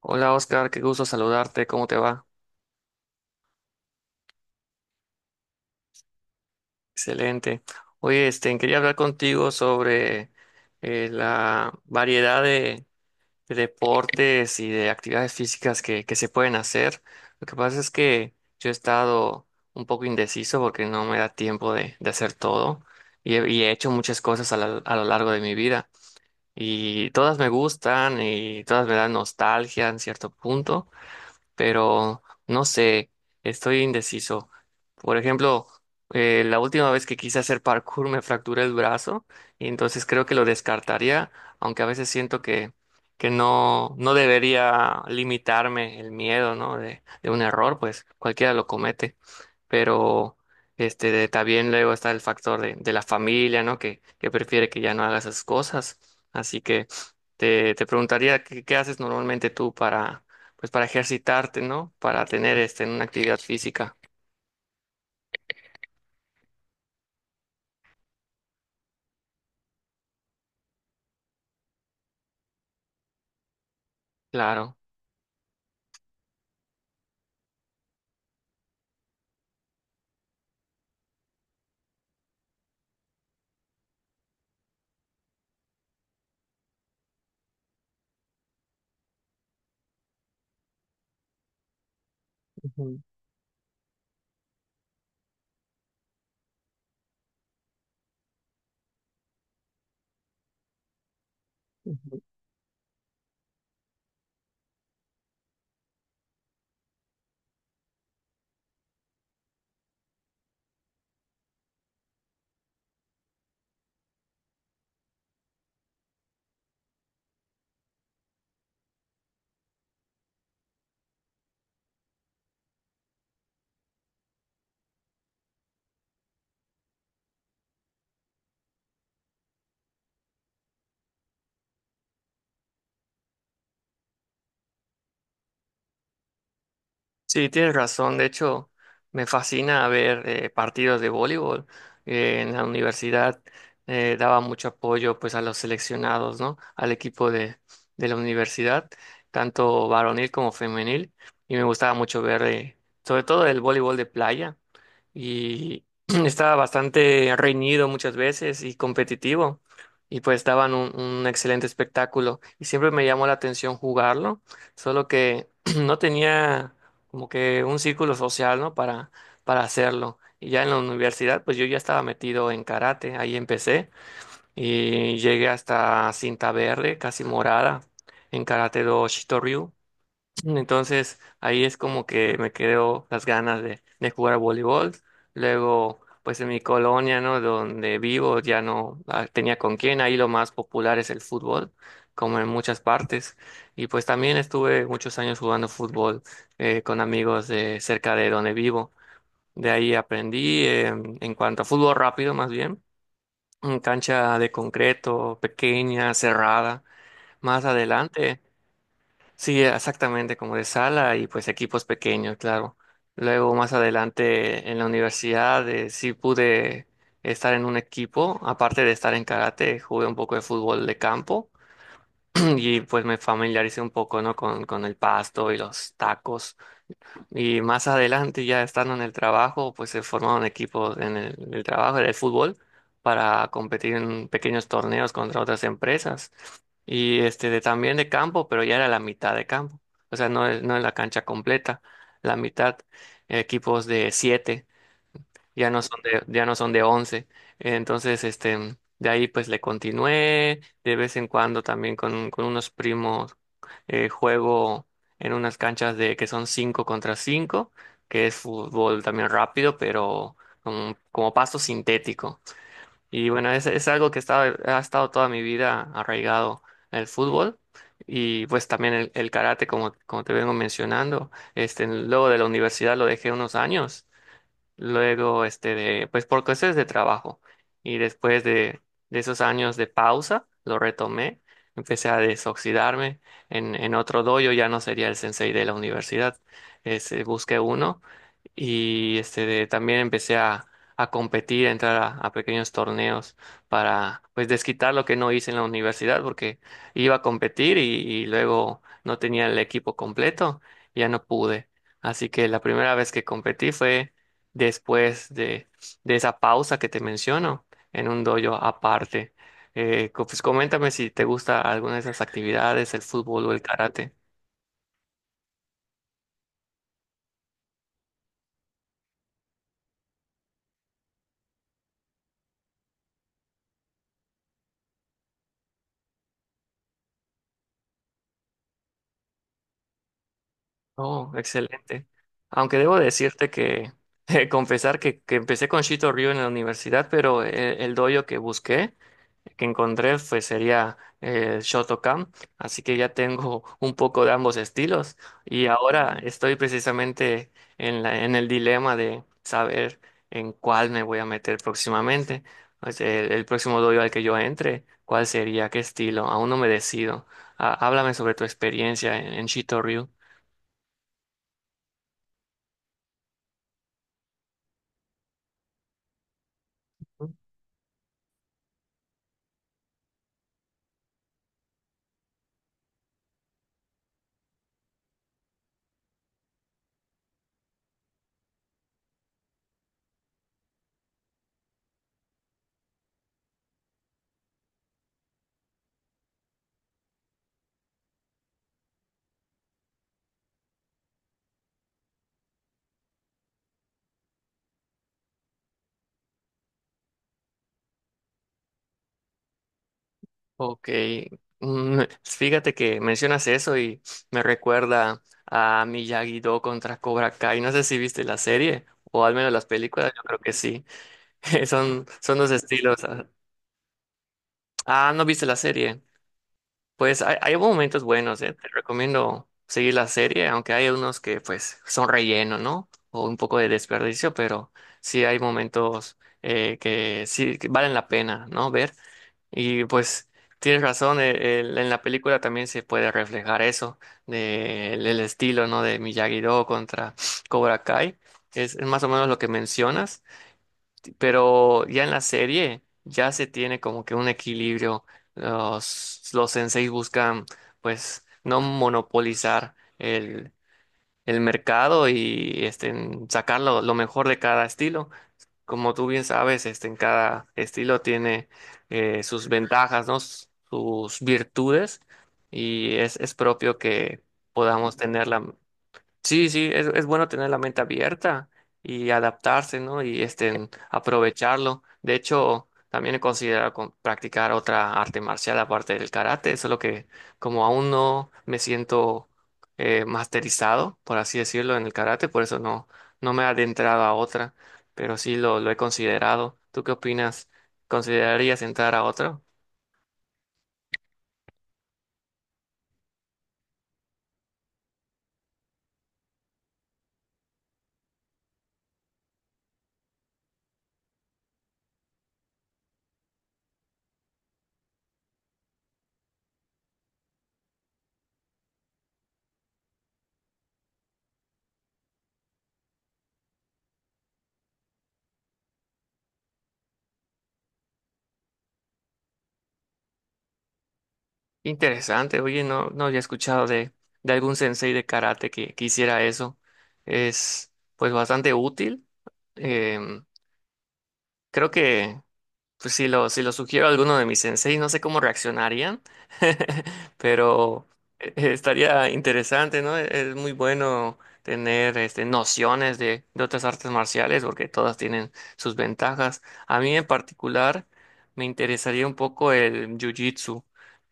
Hola Oscar, qué gusto saludarte, ¿cómo te va? Excelente. Oye, quería hablar contigo sobre la variedad de deportes y de actividades físicas que se pueden hacer. Lo que pasa es que yo he estado un poco indeciso porque no me da tiempo de hacer todo y he hecho muchas cosas a lo largo de mi vida y todas me gustan y todas me dan nostalgia en cierto punto pero no sé, estoy indeciso. Por ejemplo, la última vez que quise hacer parkour me fracturé el brazo y entonces creo que lo descartaría, aunque a veces siento que no, no debería limitarme el miedo, ¿no? De un error, pues cualquiera lo comete pero también luego está el factor de la familia, ¿no? Que prefiere que ya no hagas esas cosas. Así que te preguntaría qué haces normalmente tú para pues para ejercitarte, ¿no? Para tener este, una actividad física. Claro. Ujú, ujú. Sí, tienes razón. De hecho, me fascina ver partidos de voleibol. En la universidad daba mucho apoyo pues a los seleccionados, ¿no? Al equipo de la universidad, tanto varonil como femenil. Y me gustaba mucho ver, sobre todo el voleibol de playa. Y estaba bastante reñido muchas veces y competitivo y pues daban un excelente espectáculo y siempre me llamó la atención jugarlo, solo que no tenía como que un círculo social, ¿no? Para hacerlo. Y ya en la universidad, pues yo ya estaba metido en karate, ahí empecé y llegué hasta cinta verde, casi morada, en karate do Shitoryu. Entonces ahí es como que me quedó las ganas de jugar a voleibol. Luego, pues en mi colonia, ¿no? Donde vivo ya no tenía con quién. Ahí lo más popular es el fútbol, como en muchas partes. Y pues también estuve muchos años jugando fútbol con amigos de cerca de donde vivo. De ahí aprendí en cuanto a fútbol rápido, más bien, en cancha de concreto, pequeña, cerrada. Más adelante. Sí, exactamente, como de sala y pues equipos pequeños, claro. Luego más adelante en la universidad sí pude estar en un equipo, aparte de estar en karate, jugué un poco de fútbol de campo y pues me familiaricé un poco, ¿no? Con el pasto y los tacos. Y más adelante, ya estando en el trabajo, pues se formaron equipos en el trabajo del fútbol para competir en pequeños torneos contra otras empresas. Y también de campo, pero ya era la mitad de campo. O sea, no es, no es la cancha completa, la mitad, equipos de siete ya no son de, ya no son de once. Entonces, de ahí pues le continué, de vez en cuando también con unos primos juego en unas canchas de que son 5 contra cinco, que es fútbol también rápido, pero como, como pasto sintético. Y bueno, es algo que estaba, ha estado toda mi vida arraigado el fútbol. Y pues también el karate, como, como te vengo mencionando, luego de la universidad lo dejé unos años luego pues por cuestiones de trabajo. Y después de esos años de pausa, lo retomé, empecé a desoxidarme en otro dojo, ya no sería el sensei de la universidad. Este, busqué uno y también empecé a competir, a entrar a pequeños torneos para pues desquitar lo que no hice en la universidad porque iba a competir y luego no tenía el equipo completo, ya no pude. Así que la primera vez que competí fue después de esa pausa que te menciono en un dojo aparte. Pues coméntame si te gusta alguna de esas actividades, el fútbol o el karate. Oh, excelente. Aunque debo decirte que, confesar que empecé con Shito Ryu en la universidad, pero doyo que busqué, que encontré, pues sería Shotokan. Así que ya tengo un poco de ambos estilos. Y ahora estoy precisamente en la, en el dilema de saber en cuál me voy a meter próximamente. O sea, el próximo doyo al que yo entre, ¿cuál sería? ¿Qué estilo? Aún no me decido. Ah, háblame sobre tu experiencia en Shito Ryu. Ok, fíjate que mencionas eso y me recuerda a Miyagi-Do contra Cobra Kai. No sé si viste la serie o al menos las películas, yo creo que sí. Son, son dos estilos. Ah, ah, no viste la serie. Pues hay momentos buenos, eh. Te recomiendo seguir la serie, aunque hay unos que pues son relleno, ¿no? O un poco de desperdicio, pero sí hay momentos que sí que valen la pena, ¿no? Ver. Y pues tienes razón, en la película también se puede reflejar eso, del el estilo, ¿no? De Miyagi-Do contra Cobra Kai, es más o menos lo que mencionas, pero ya en la serie ya se tiene como que un equilibrio, los senseis buscan pues no monopolizar el mercado y este, sacar lo mejor de cada estilo. Como tú bien sabes, este, en cada estilo tiene sus ventajas, ¿no? Sus virtudes y es propio que podamos tenerla. Sí, sí, es bueno tener la mente abierta y adaptarse, ¿no? Y este, aprovecharlo. De hecho, también he considerado practicar otra arte marcial aparte del karate, solo que como aún no me siento masterizado, por así decirlo, en el karate, por eso no, no me he adentrado a otra, pero sí lo he considerado. ¿Tú qué opinas? ¿Considerarías entrar a otra? Interesante, oye, no, no había escuchado de algún sensei de karate que hiciera eso. Es pues bastante útil. Em, creo que pues si lo sugiero a alguno de mis senseis, no sé cómo reaccionarían, pero estaría interesante, ¿no? Es muy bueno tener este, nociones de otras artes marciales porque todas tienen sus ventajas. A mí en particular me interesaría un poco el jiu-jitsu.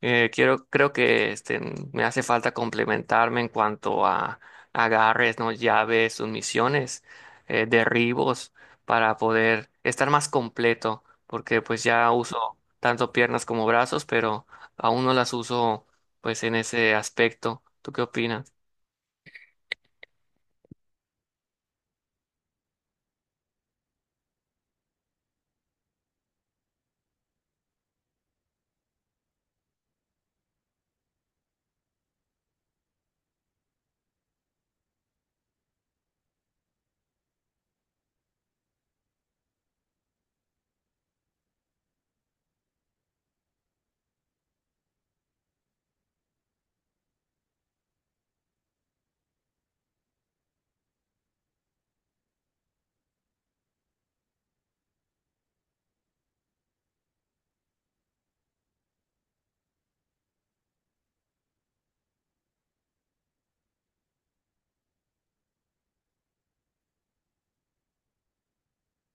Quiero, creo que este, me hace falta complementarme en cuanto a agarres, ¿no? Llaves, sumisiones, derribos, para poder estar más completo porque pues ya uso tanto piernas como brazos, pero aún no las uso pues en ese aspecto. ¿Tú qué opinas?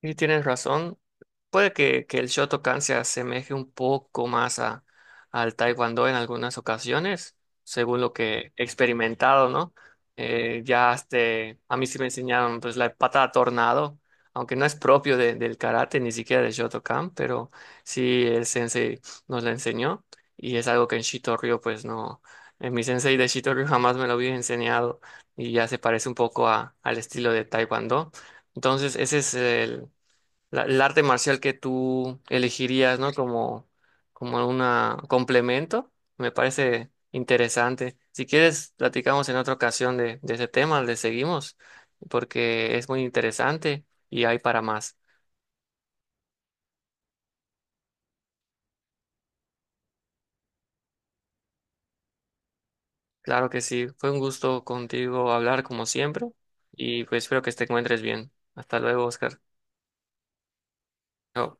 Sí, tienes razón. Puede que el Shotokan se asemeje un poco más al Taekwondo en algunas ocasiones, según lo que he experimentado, ¿no? A mí sí me enseñaron pues la patada tornado, aunque no es propio del karate, ni siquiera del Shotokan, pero sí el sensei nos la enseñó y es algo que en Shitoryu pues no, mi sensei de Shitoryu jamás me lo había enseñado y ya se parece un poco al estilo de Taekwondo. Entonces ese es el arte marcial que tú elegirías, ¿no? Como, como un complemento. Me parece interesante. Si quieres, platicamos en otra ocasión de ese tema, le seguimos, porque es muy interesante y hay para más. Claro que sí, fue un gusto contigo hablar como siempre y pues espero que te encuentres bien. Hasta luego, Oscar. Chao.